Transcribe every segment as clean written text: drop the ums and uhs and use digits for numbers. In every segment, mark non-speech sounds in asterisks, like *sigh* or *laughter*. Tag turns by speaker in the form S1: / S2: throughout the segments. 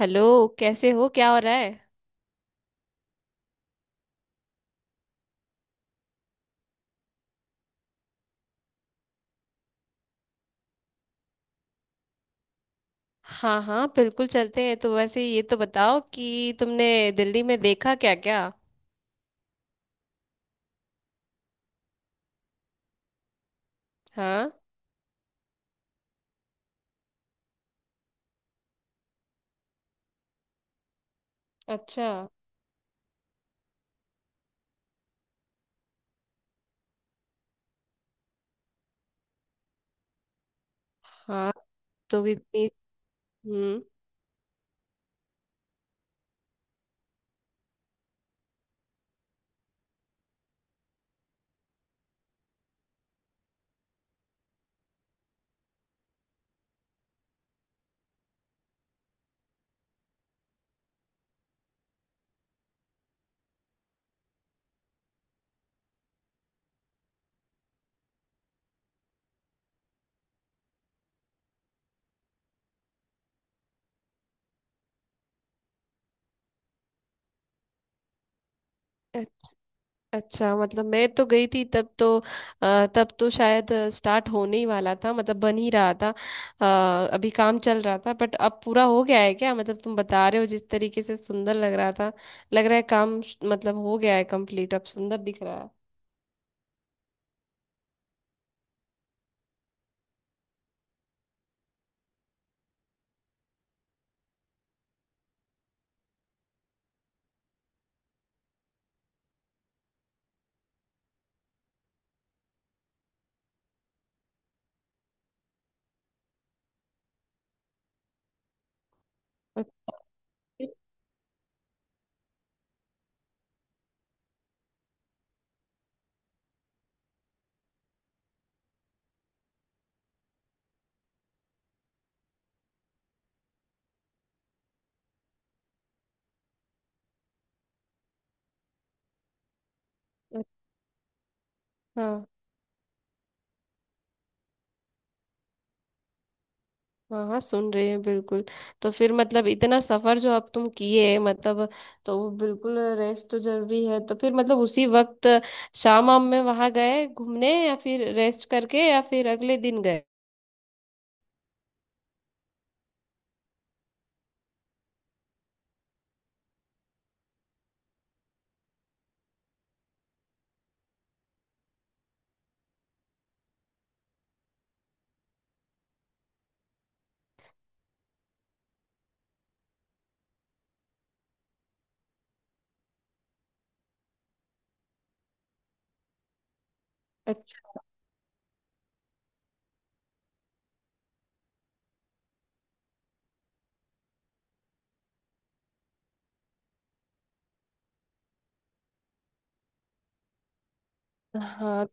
S1: Hello. कैसे हो? क्या हो रहा है? हाँ हाँ बिल्कुल चलते हैं। तो वैसे ये तो बताओ कि तुमने दिल्ली में देखा क्या क्या। हाँ। अच्छा। हाँ तो इतनी। हम्म। अ- अच्छा, मतलब मैं तो गई थी, तब तो तब तो शायद स्टार्ट होने ही वाला था, मतलब बन ही रहा था। अभी काम चल रहा था, बट अब पूरा हो गया है क्या? मतलब तुम बता रहे हो जिस तरीके से सुंदर लग रहा था, लग रहा है काम मतलब हो गया है कंप्लीट, अब सुंदर दिख रहा है। अच्छा। हाँ हाँ सुन रहे हैं बिल्कुल। तो फिर मतलब इतना सफर जो अब तुम किए, मतलब तो वो बिल्कुल रेस्ट तो जरूरी है। तो फिर मतलब उसी वक्त शाम आम में वहां गए घूमने, या फिर रेस्ट करके, या फिर अगले दिन गए? अच्छा। हाँ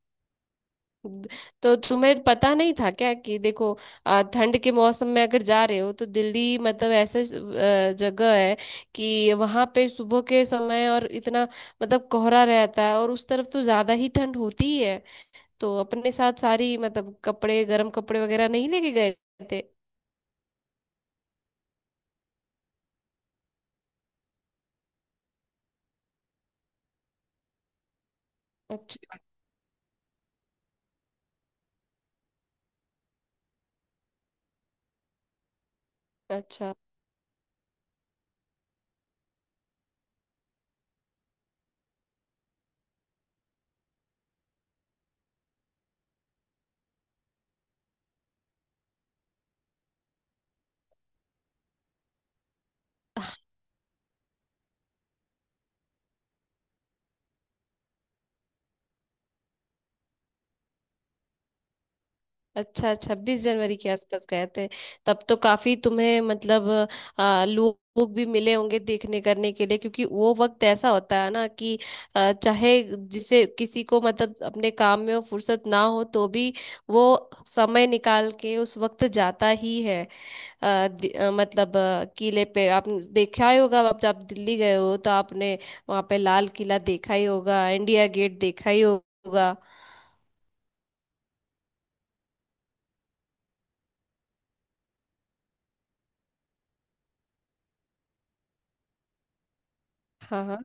S1: तो तुम्हें पता नहीं था क्या कि देखो ठंड के मौसम में अगर जा रहे हो तो दिल्ली मतलब ऐसा जगह है कि वहां पे सुबह के समय और इतना मतलब कोहरा रहता है, और उस तरफ तो ज्यादा ही ठंड होती ही है। तो अपने साथ सारी मतलब कपड़े, गर्म कपड़े वगैरह नहीं लेके गए थे? अच्छा। अच्छा। अच्छा अच्छा, 26 जनवरी के आसपास गए थे। तब तो काफी तुम्हें मतलब लोग भी मिले होंगे देखने करने के लिए, क्योंकि वो वक्त ऐसा होता है ना कि चाहे जिसे किसी को मतलब अपने काम में वो फुर्सत ना हो तो भी वो समय निकाल के उस वक्त जाता ही है। मतलब किले पे आपने देखा ही होगा, आप जब दिल्ली गए हो तो आपने वहां पे लाल किला देखा ही होगा, इंडिया गेट देखा ही होगा। हाँ। हाँ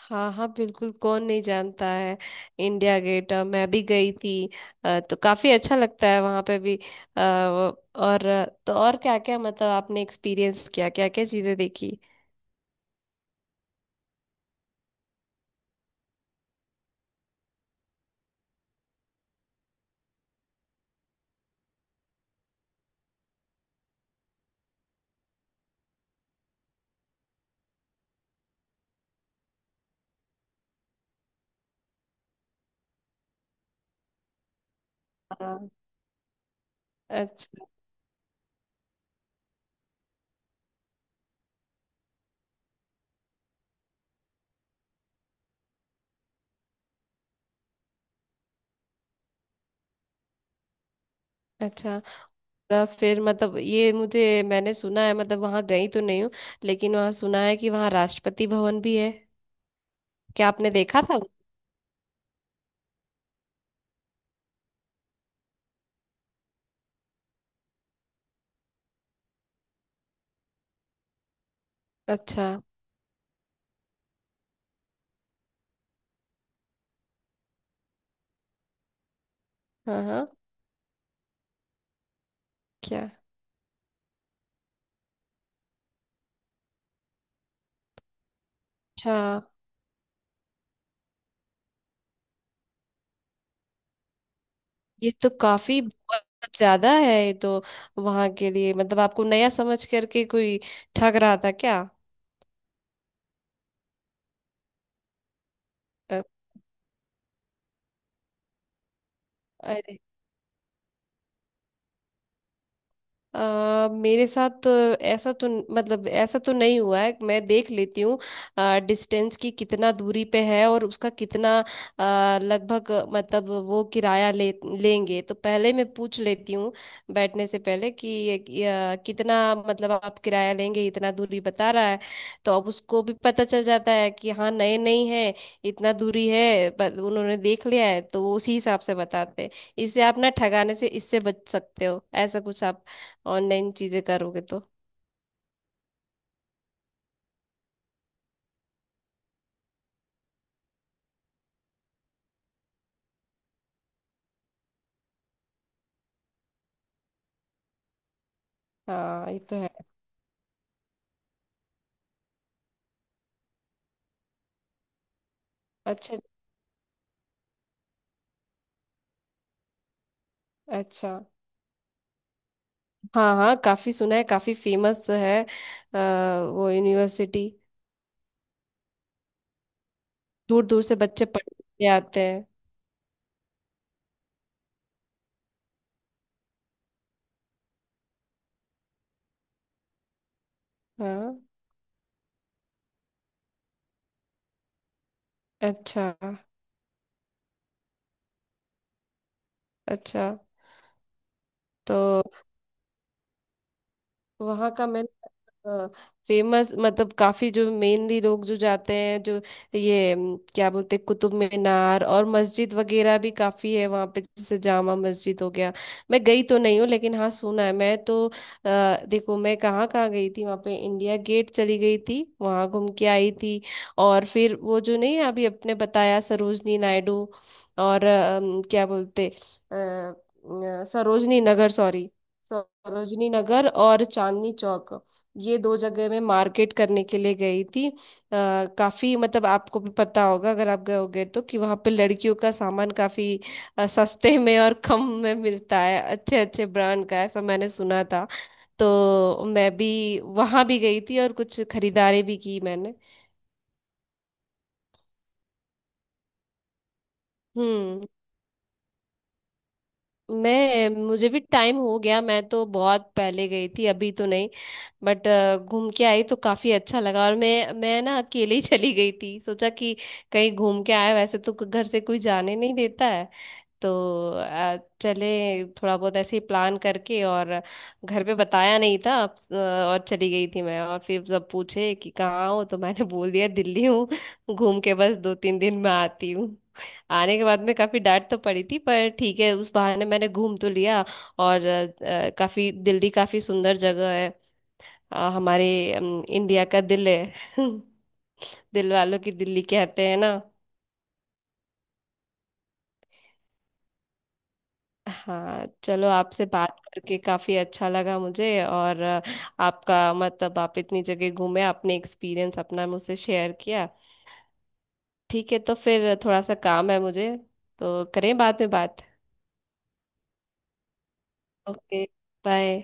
S1: हाँ हाँ बिल्कुल, कौन नहीं जानता है इंडिया गेट। मैं भी गई थी। तो काफी अच्छा लगता है वहां पे भी। तो और क्या क्या मतलब आपने एक्सपीरियंस किया, क्या क्या चीजें देखी? हाँ। अच्छा। अच्छा, और फिर मतलब ये मुझे, मैंने सुना है मतलब वहां गई तो नहीं हूँ, लेकिन वहां सुना है कि वहां राष्ट्रपति भवन भी है। क्या आपने देखा था वो? अच्छा। हाँ हाँ। क्या? अच्छा, ये तो काफी बहुत ज्यादा है ये तो। वहां के लिए मतलब आपको नया समझ करके कोई ठग रहा था क्या? अ- अरे, मेरे साथ तो ऐसा तो मतलब ऐसा तो नहीं हुआ है। मैं देख लेती हूँ डिस्टेंस की कितना दूरी पे है और उसका कितना लगभग मतलब वो किराया ले लेंगे, तो पहले मैं पूछ लेती हूँ बैठने से पहले कि कितना मतलब आप किराया लेंगे? इतना दूरी बता रहा है तो अब उसको भी पता चल जाता है कि हाँ नए नहीं है, इतना दूरी है पर उन्होंने देख लिया है, तो वो उसी हिसाब से बताते हैं। इससे आप ना ठगाने से, इससे बच सकते हो। ऐसा कुछ आप ऑनलाइन चीजें करोगे तो। हाँ ये तो है। अच्छा। अच्छा। हाँ हाँ, काफी सुना है, काफी फेमस है अ, वो यूनिवर्सिटी। दूर दूर से बच्चे पढ़ने के लिए आते हैं। हाँ। अच्छा। अच्छा। तो तो वहाँ का मैंने फेमस मतलब काफी जो मेनली लोग जो जाते हैं जो ये क्या बोलते हैं, कुतुब मीनार और मस्जिद वगैरह भी काफी है वहाँ पे, जैसे जामा मस्जिद हो गया। मैं गई तो नहीं हूँ लेकिन हाँ सुना है मैं तो। देखो मैं कहाँ कहाँ गई थी वहाँ पे, इंडिया गेट चली गई थी, वहाँ घूम के आई थी। और फिर वो जो नहीं अभी आपने बताया सरोजनी नायडू और अम, क्या बोलते अ, अ, सरोजनी नगर सॉरी, सरोजनी नगर और चांदनी चौक, ये दो जगह मैं मार्केट करने के लिए गई थी। काफी मतलब आपको भी पता होगा अगर आप गए होगे तो कि वहाँ पे लड़कियों का सामान काफी सस्ते में और कम में मिलता है, अच्छे अच्छे ब्रांड का, ऐसा मैंने सुना था। तो मैं भी वहाँ भी गई थी और कुछ खरीदारी भी की मैंने। हम्म। मैं मुझे भी टाइम हो गया, मैं तो बहुत पहले गई थी, अभी तो नहीं। बट घूम के आई तो काफी अच्छा लगा। और मैं ना अकेले ही *laughs* चली गई थी, सोचा कि कहीं घूम के आए, वैसे तो घर से कोई जाने नहीं देता है। तो चले थोड़ा बहुत ऐसे ही प्लान करके, और घर पे बताया नहीं था और चली गई थी मैं। और फिर जब पूछे कि कहाँ हो तो मैंने *laughs* बोल दिया दिल्ली हूँ, घूम के बस 2 3 दिन में आती हूँ। आने के बाद में काफी डांट तो पड़ी थी, पर ठीक है, उस बहाने मैंने घूम तो लिया। और काफी दिल्ली काफी सुंदर जगह है। अ, हमारे इंडिया का दिल है *laughs* दिल वालों की दिल्ली कहते हैं ना। हाँ चलो, आपसे बात करके काफी अच्छा लगा मुझे। और आपका मतलब आप इतनी जगह घूमे, आपने एक्सपीरियंस अपना मुझसे शेयर किया। ठीक है तो फिर थोड़ा सा काम है मुझे, तो करें बाद में बात। Okay bye.